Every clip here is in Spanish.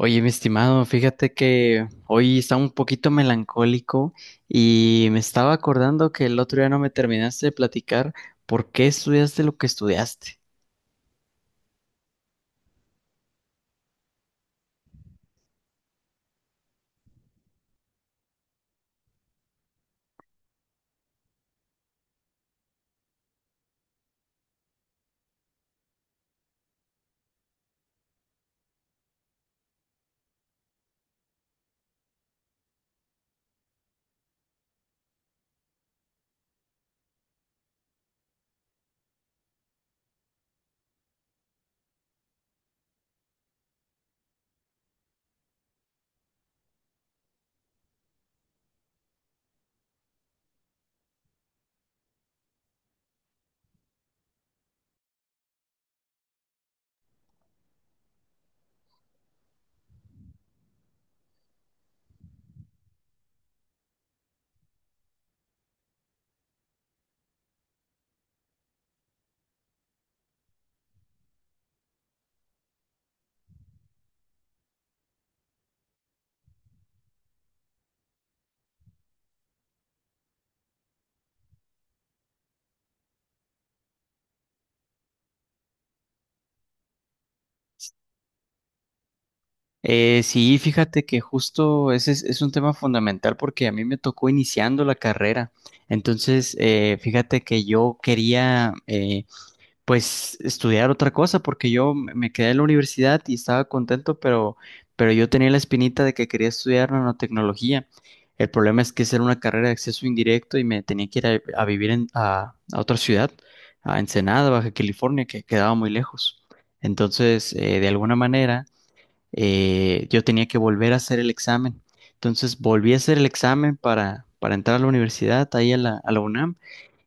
Oye, mi estimado, fíjate que hoy está un poquito melancólico y me estaba acordando que el otro día no me terminaste de platicar por qué estudiaste lo que estudiaste. Sí, fíjate que justo ese es un tema fundamental porque a mí me tocó iniciando la carrera. Entonces, fíjate que yo quería pues estudiar otra cosa, porque yo me quedé en la universidad y estaba contento, pero yo tenía la espinita de que quería estudiar nanotecnología. El problema es que esa era una carrera de acceso indirecto y me tenía que ir a vivir a otra ciudad, a Ensenada, Baja California, que quedaba muy lejos. Entonces, de alguna manera, yo tenía que volver a hacer el examen. Entonces, volví a hacer el examen para entrar a la universidad, ahí a la UNAM.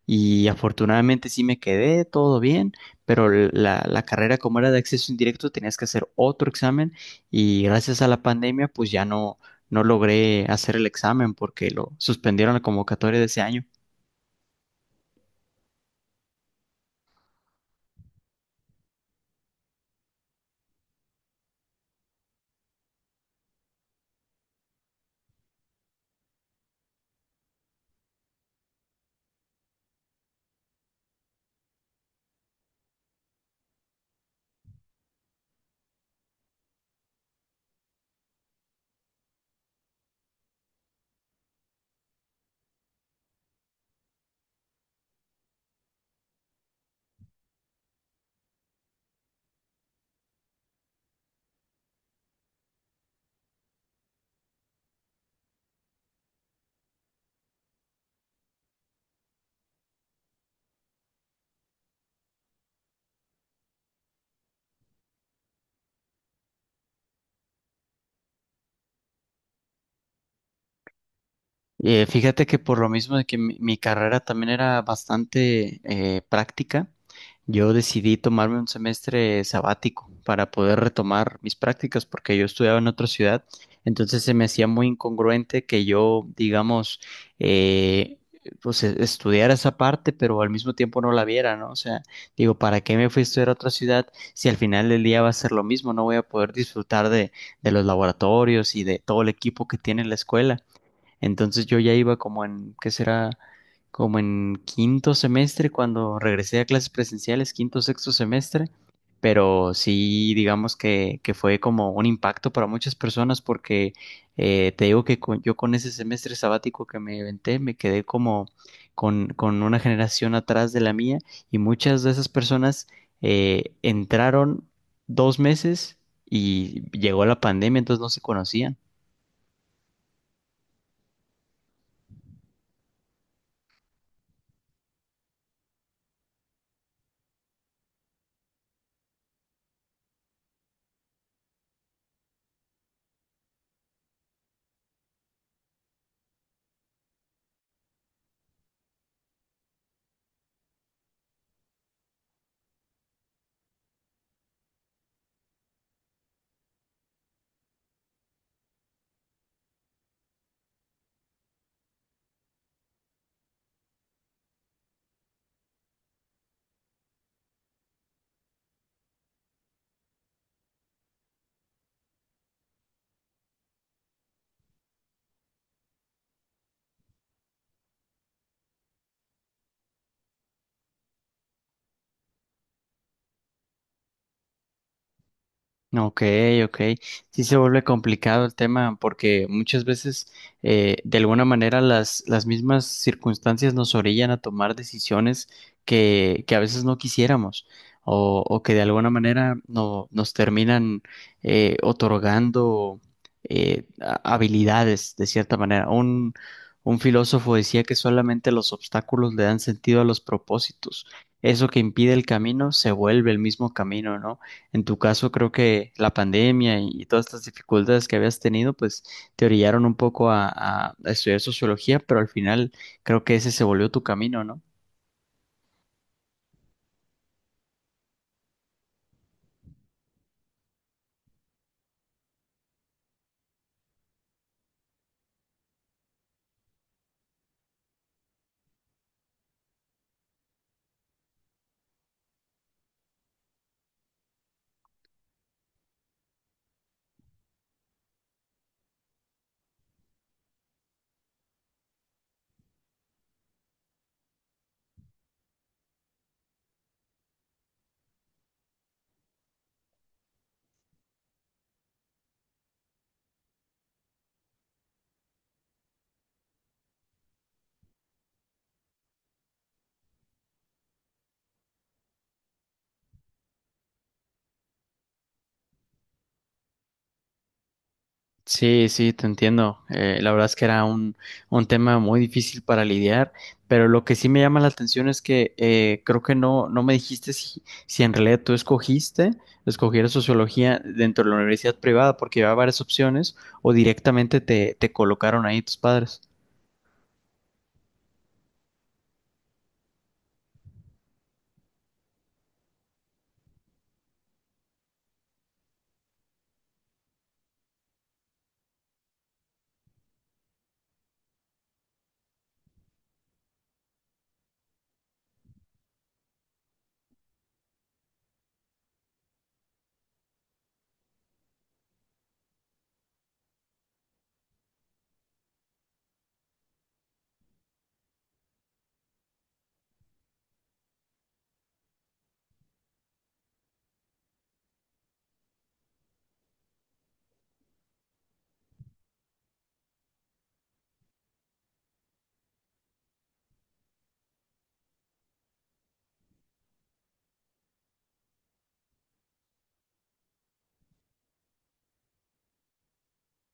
Y afortunadamente sí me quedé, todo bien, pero la carrera como era de acceso indirecto tenías que hacer otro examen y gracias a la pandemia pues ya no, no logré hacer el examen porque lo suspendieron la convocatoria de ese año. Fíjate que por lo mismo de que mi carrera también era bastante práctica, yo decidí tomarme un semestre sabático para poder retomar mis prácticas porque yo estudiaba en otra ciudad, entonces se me hacía muy incongruente que yo, digamos, eh, pues estudiara esa parte, pero al mismo tiempo no la viera, ¿no? O sea, digo, ¿para qué me fui a estudiar a otra ciudad si al final del día va a ser lo mismo? No voy a poder disfrutar de los laboratorios y de todo el equipo que tiene la escuela. Entonces yo ya iba como en, ¿qué será? Como en quinto semestre cuando regresé a clases presenciales, quinto, sexto semestre, pero sí digamos que fue como un impacto para muchas personas porque te digo que yo con ese semestre sabático que me inventé me quedé como con una generación atrás de la mía y muchas de esas personas entraron dos meses y llegó la pandemia, entonces no se conocían. Ok, ok. Sí se vuelve complicado el tema porque muchas veces de alguna manera las mismas circunstancias nos orillan a tomar decisiones que a veces no quisiéramos o que de alguna manera no, nos terminan otorgando habilidades de cierta manera. Un filósofo decía que solamente los obstáculos le dan sentido a los propósitos. Eso que impide el camino se vuelve el mismo camino, ¿no? En tu caso, creo que la pandemia y todas estas dificultades que habías tenido, pues te orillaron un poco a, a estudiar sociología, pero al final creo que ese se volvió tu camino, ¿no? Sí, sí, te entiendo. La verdad es que era un tema muy difícil para lidiar, pero lo que sí me llama la atención es que creo que no, no me dijiste si, si en realidad tú escogiste escoger sociología dentro de la universidad privada porque había varias opciones o directamente te, te colocaron ahí tus padres.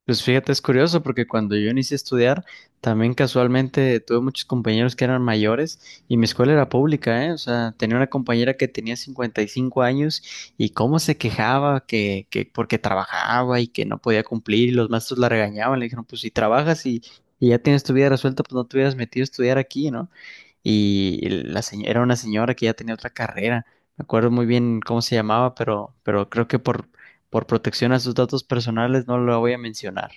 Pues fíjate, es curioso porque cuando yo inicié a estudiar, también casualmente tuve muchos compañeros que eran mayores y mi escuela era pública, ¿eh? O sea, tenía una compañera que tenía 55 años y cómo se quejaba que porque trabajaba y que no podía cumplir y los maestros la regañaban, le dijeron, pues si trabajas y ya tienes tu vida resuelta, pues no te hubieras metido a estudiar aquí, ¿no? Y la señora, era una señora que ya tenía otra carrera, me acuerdo muy bien cómo se llamaba, pero creo que por protección a sus datos personales no lo voy a mencionar.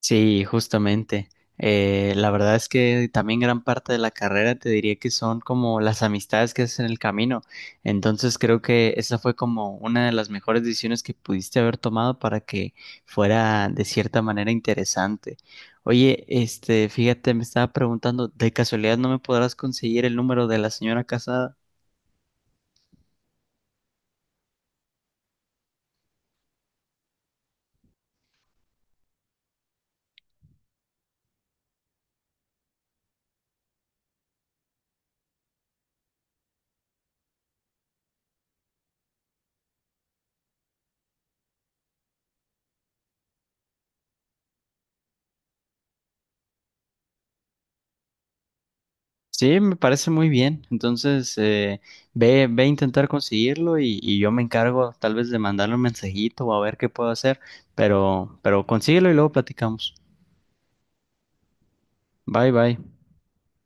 Sí, justamente. La verdad es que también gran parte de la carrera te diría que son como las amistades que haces en el camino. Entonces creo que esa fue como una de las mejores decisiones que pudiste haber tomado para que fuera de cierta manera interesante. Oye, este, fíjate, me estaba preguntando, ¿de casualidad no me podrás conseguir el número de la señora casada? Sí, me parece muy bien. Entonces, ve, ve a intentar conseguirlo y yo me encargo tal vez de mandarle un mensajito o a ver qué puedo hacer, pero consíguelo y luego platicamos. Bye, bye.